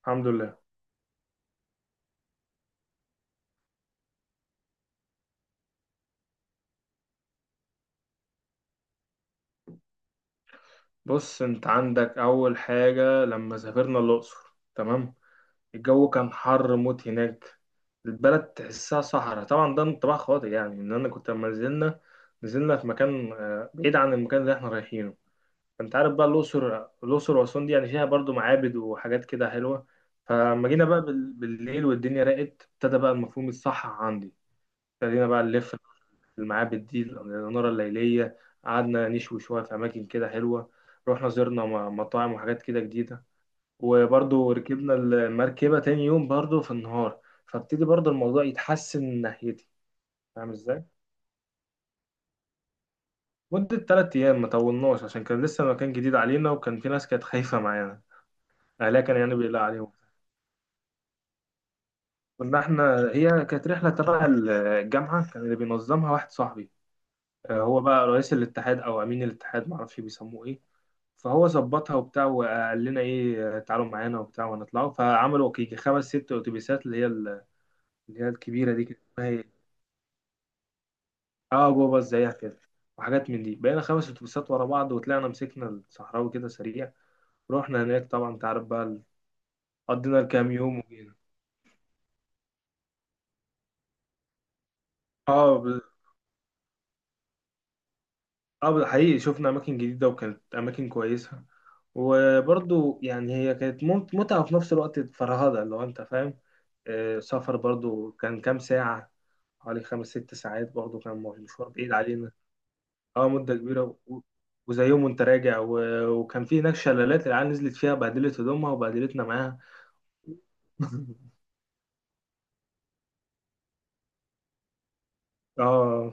الحمد لله. بص، انت عندك اول حاجة لما سافرنا الاقصر. تمام. الجو كان حر موت هناك. البلد تحسها صحراء، طبعا ده انطباع خاطئ، يعني ان انا كنت لما نزلنا في مكان بعيد عن المكان اللي احنا رايحينه. فانت عارف بقى الاقصر واسوان دي يعني فيها برضو معابد وحاجات كده حلوة. فلما جينا بقى بالليل والدنيا راقت ابتدى بقى المفهوم الصح عندي. ابتدينا بقى نلف في المعابد دي، الإنارة الليلية. قعدنا نشوي شوية في أماكن كده حلوة. رحنا زرنا مطاعم وحاجات كده جديدة. وبرضو ركبنا المركبة تاني يوم برضو في النهار. فابتدي برضو الموضوع يتحسن من ناحيتي. فاهم ازاي؟ مدة 3 أيام ما طولناش، عشان كان لسه مكان جديد علينا وكان في ناس كانت خايفة معانا. أهلها كان يعني بيقلق عليهم. كنا احنا، هي كانت رحلة تبع الجامعة، كان اللي بينظمها واحد صاحبي. هو بقى رئيس الاتحاد أو أمين الاتحاد معرفش بيسموه إيه. فهو ظبطها وبتاع، وقال لنا ايه، تعالوا معانا وبتاع ونطلعوا. فعملوا يجي 5 6 اتوبيسات، اللي هي الكبيره دي كده، اسمها ايه؟ اه، جو باص زيها كده. وحاجات من دي، بقينا 5 اتوبيسات ورا بعض وطلعنا مسكنا الصحراوي كده سريع. رحنا هناك، طبعا تعرف بقى قضينا الكام يوم وجينا. اه. اه، حقيقي شفنا اماكن جديده وكانت اماكن كويسه. وبرضو يعني هي كانت متعه وفي نفس الوقت فرهده لو انت فاهم. سفر برضو كان كام ساعه، حوالي 5 6 ساعات، برضو كان مشوار بعيد علينا. اه، مده كبيره، وزي يوم وانت راجع، وكان في هناك شلالات، العيال نزلت فيها بهدلت هدومها وبهدلتنا معاها. اه.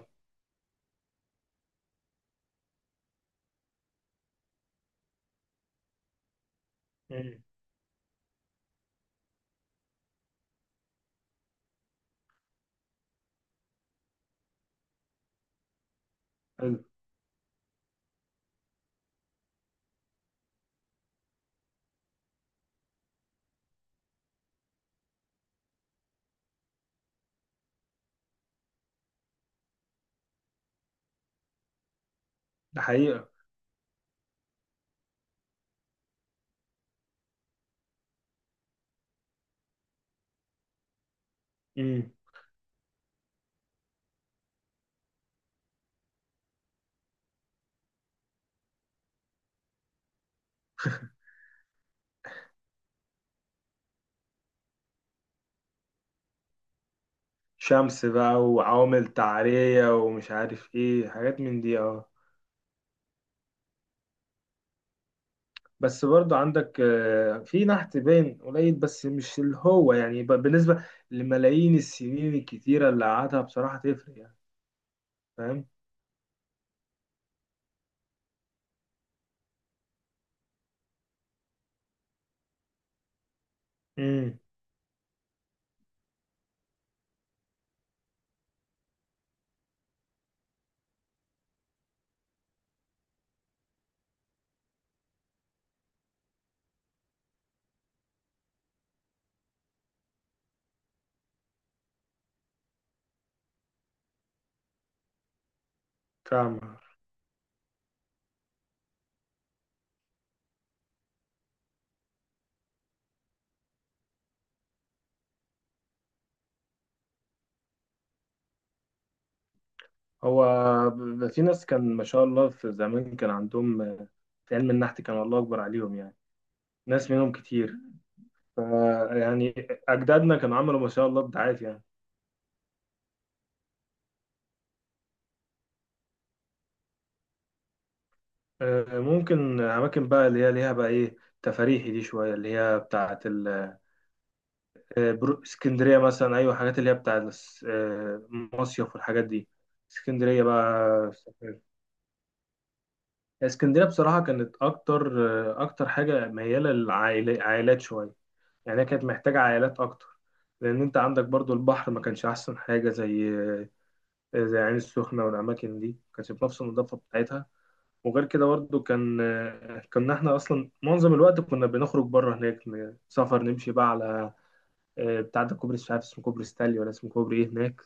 مم. حلو. ده حقيقة. مم. شمس بقى وعوامل تعرية ومش عارف ايه حاجات من دي، اه. بس برضو عندك في نحت باين قليل، بس مش اللي هو يعني، بالنسبة لملايين السنين الكتيرة اللي قعدها، بصراحة تفرق يعني. فاهم؟ امم. فاهم. هو في ناس كان ما شاء الله في زمان، كان عندهم في علم النحت، كان الله أكبر عليهم يعني. ناس منهم كتير. يعني أجدادنا كانوا عملوا ما شاء الله إبداعات يعني. ممكن أماكن بقى اللي هي ليها بقى إيه، تفاريحي دي شوية، اللي هي بتاعة اسكندرية مثلا، أيوة، حاجات اللي هي بتاع مصيف والحاجات دي. اسكندرية بقى سافرت. اسكندرية بصراحة كانت أكتر أكتر حاجة ميالة للعائلات شوية. يعني هي كانت محتاجة عائلات أكتر، لأن أنت عندك برضو البحر ما كانش أحسن حاجة زي زي عين السخنة، والأماكن دي ما كانش بنفس النظافة بتاعتها. وغير كده برضو كان كنا احنا اصلا معظم الوقت كنا بنخرج بره هناك، سفر نمشي بقى على بتاع ده، كوبري مش عارف اسمه، كوبري ستانلي ولا اسمه كوبري ايه هناك.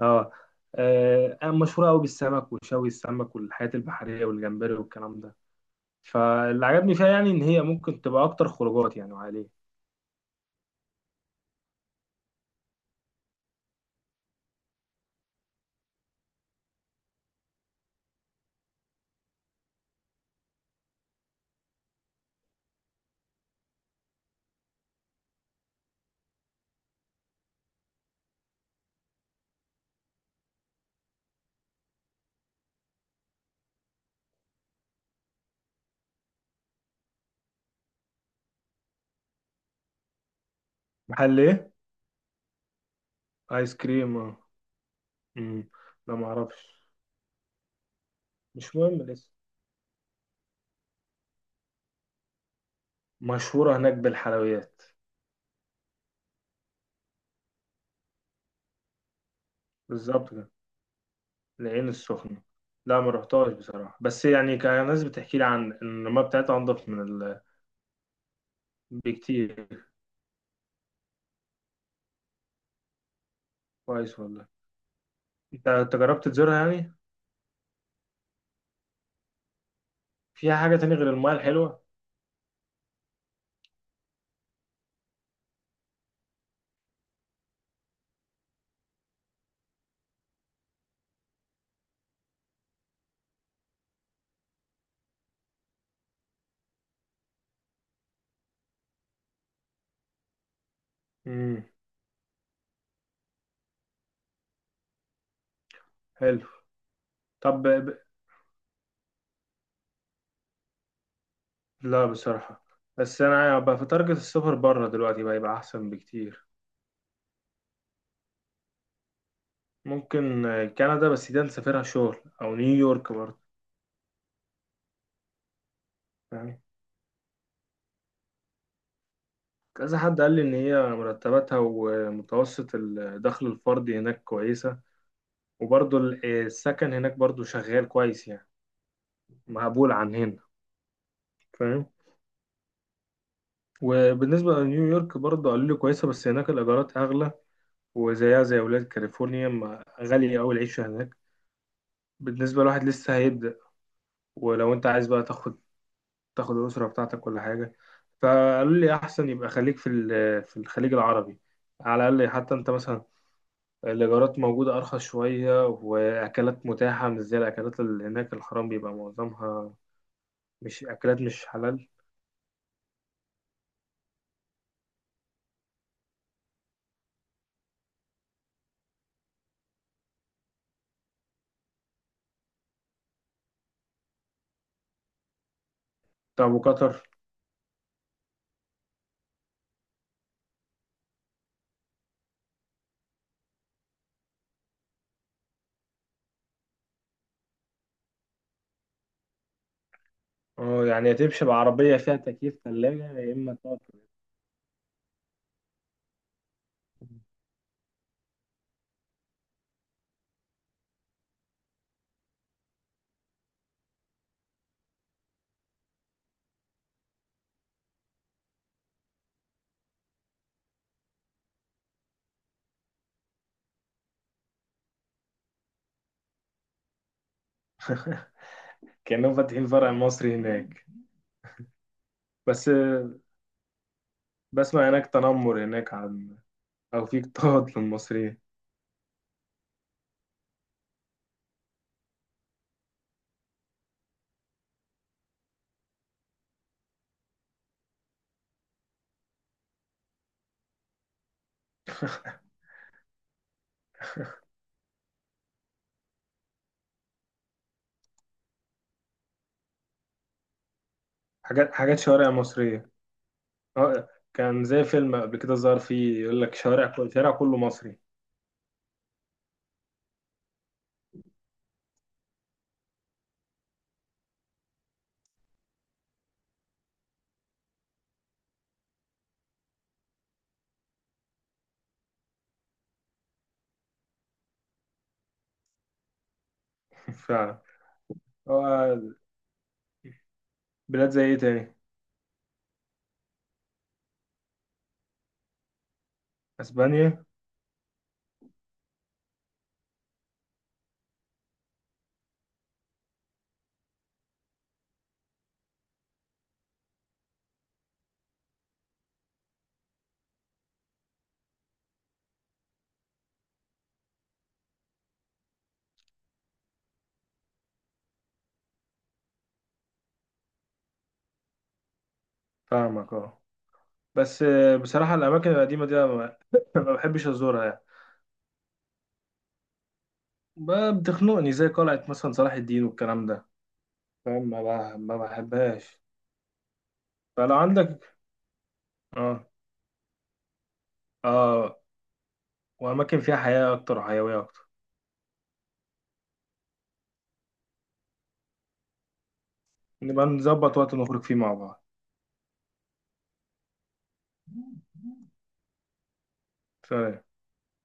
اه. أنا مشهورة أوي بالسمك وشوي السمك والحياة البحرية والجمبري والكلام ده. فاللي عجبني فيها يعني إن هي ممكن تبقى أكتر خروجات يعني، وعليه. محل إيه؟ آيس كريم، اه. أمم. لا معرفش. مش مهم لسه. مشهورة هناك بالحلويات. بالظبط كده. العين السخنة، لا ما رحتهاش بصراحة، بس يعني كان ناس بتحكي لي عن إن المياه بتاعتها أنضف من بكتير. كويس والله. أنت جربت تزورها يعني؟ فيها حاجة تانية غير المياه الحلوة؟ امم. حلو. طب. لا بصراحة، بس أنا بقى في تارجت السفر بره دلوقتي، بقى يبقى أحسن بكتير. ممكن كندا، بس دي نسافرها شغل. أو نيويورك برضه. يعني كذا حد قال لي إن هي مرتباتها ومتوسط الدخل الفردي هناك كويسة. وبرضه السكن هناك برضه شغال كويس يعني، مقبول عن هنا. فاهم. وبالنسبة لنيويورك برضه قالوا لي كويسة، بس هناك الإيجارات أغلى. وزيها زي ولاد كاليفورنيا، غالية أوي العيشة هناك، بالنسبة لواحد لسه هيبدأ. ولو انت عايز بقى تاخد الأسرة بتاعتك ولا حاجة، فقالوا لي أحسن يبقى خليك في في الخليج العربي، على الأقل حتى أنت مثلا الإيجارات موجودة أرخص شوية، وأكلات متاحة مش زي الأكلات اللي هناك الحرام بيبقى معظمها. مش أكلات، مش حلال. طب وقطر؟ اه، يعني هتمشي بعربية فيها تكييف ثلاجة يا إما تقعد. كأنهم فاتحين فرع مصري هناك. بس بسمع هناك تنمر هناك، عن أو في اضطهاد للمصريين. حاجات، حاجات شوارع مصرية. اه. كان زي فيلم قبل كده ظهر فيه يقول لك شارع، كل شارع كله مصري. فعلا. اه. بلاد زي ايه تاني؟ اسبانيا. فاهمك، اه. بس بصراحة الأماكن القديمة دي أنا ما ما بحبش أزورها يعني. بتخنقني، زي قلعة مثلا صلاح الدين والكلام ده. فاهم، ما بحبهاش. فلو عندك، اه. اه، وأماكن فيها حياة أكتر وحيوية أكتر. نبقى نظبط وقت نخرج فيه مع بعض. سلام.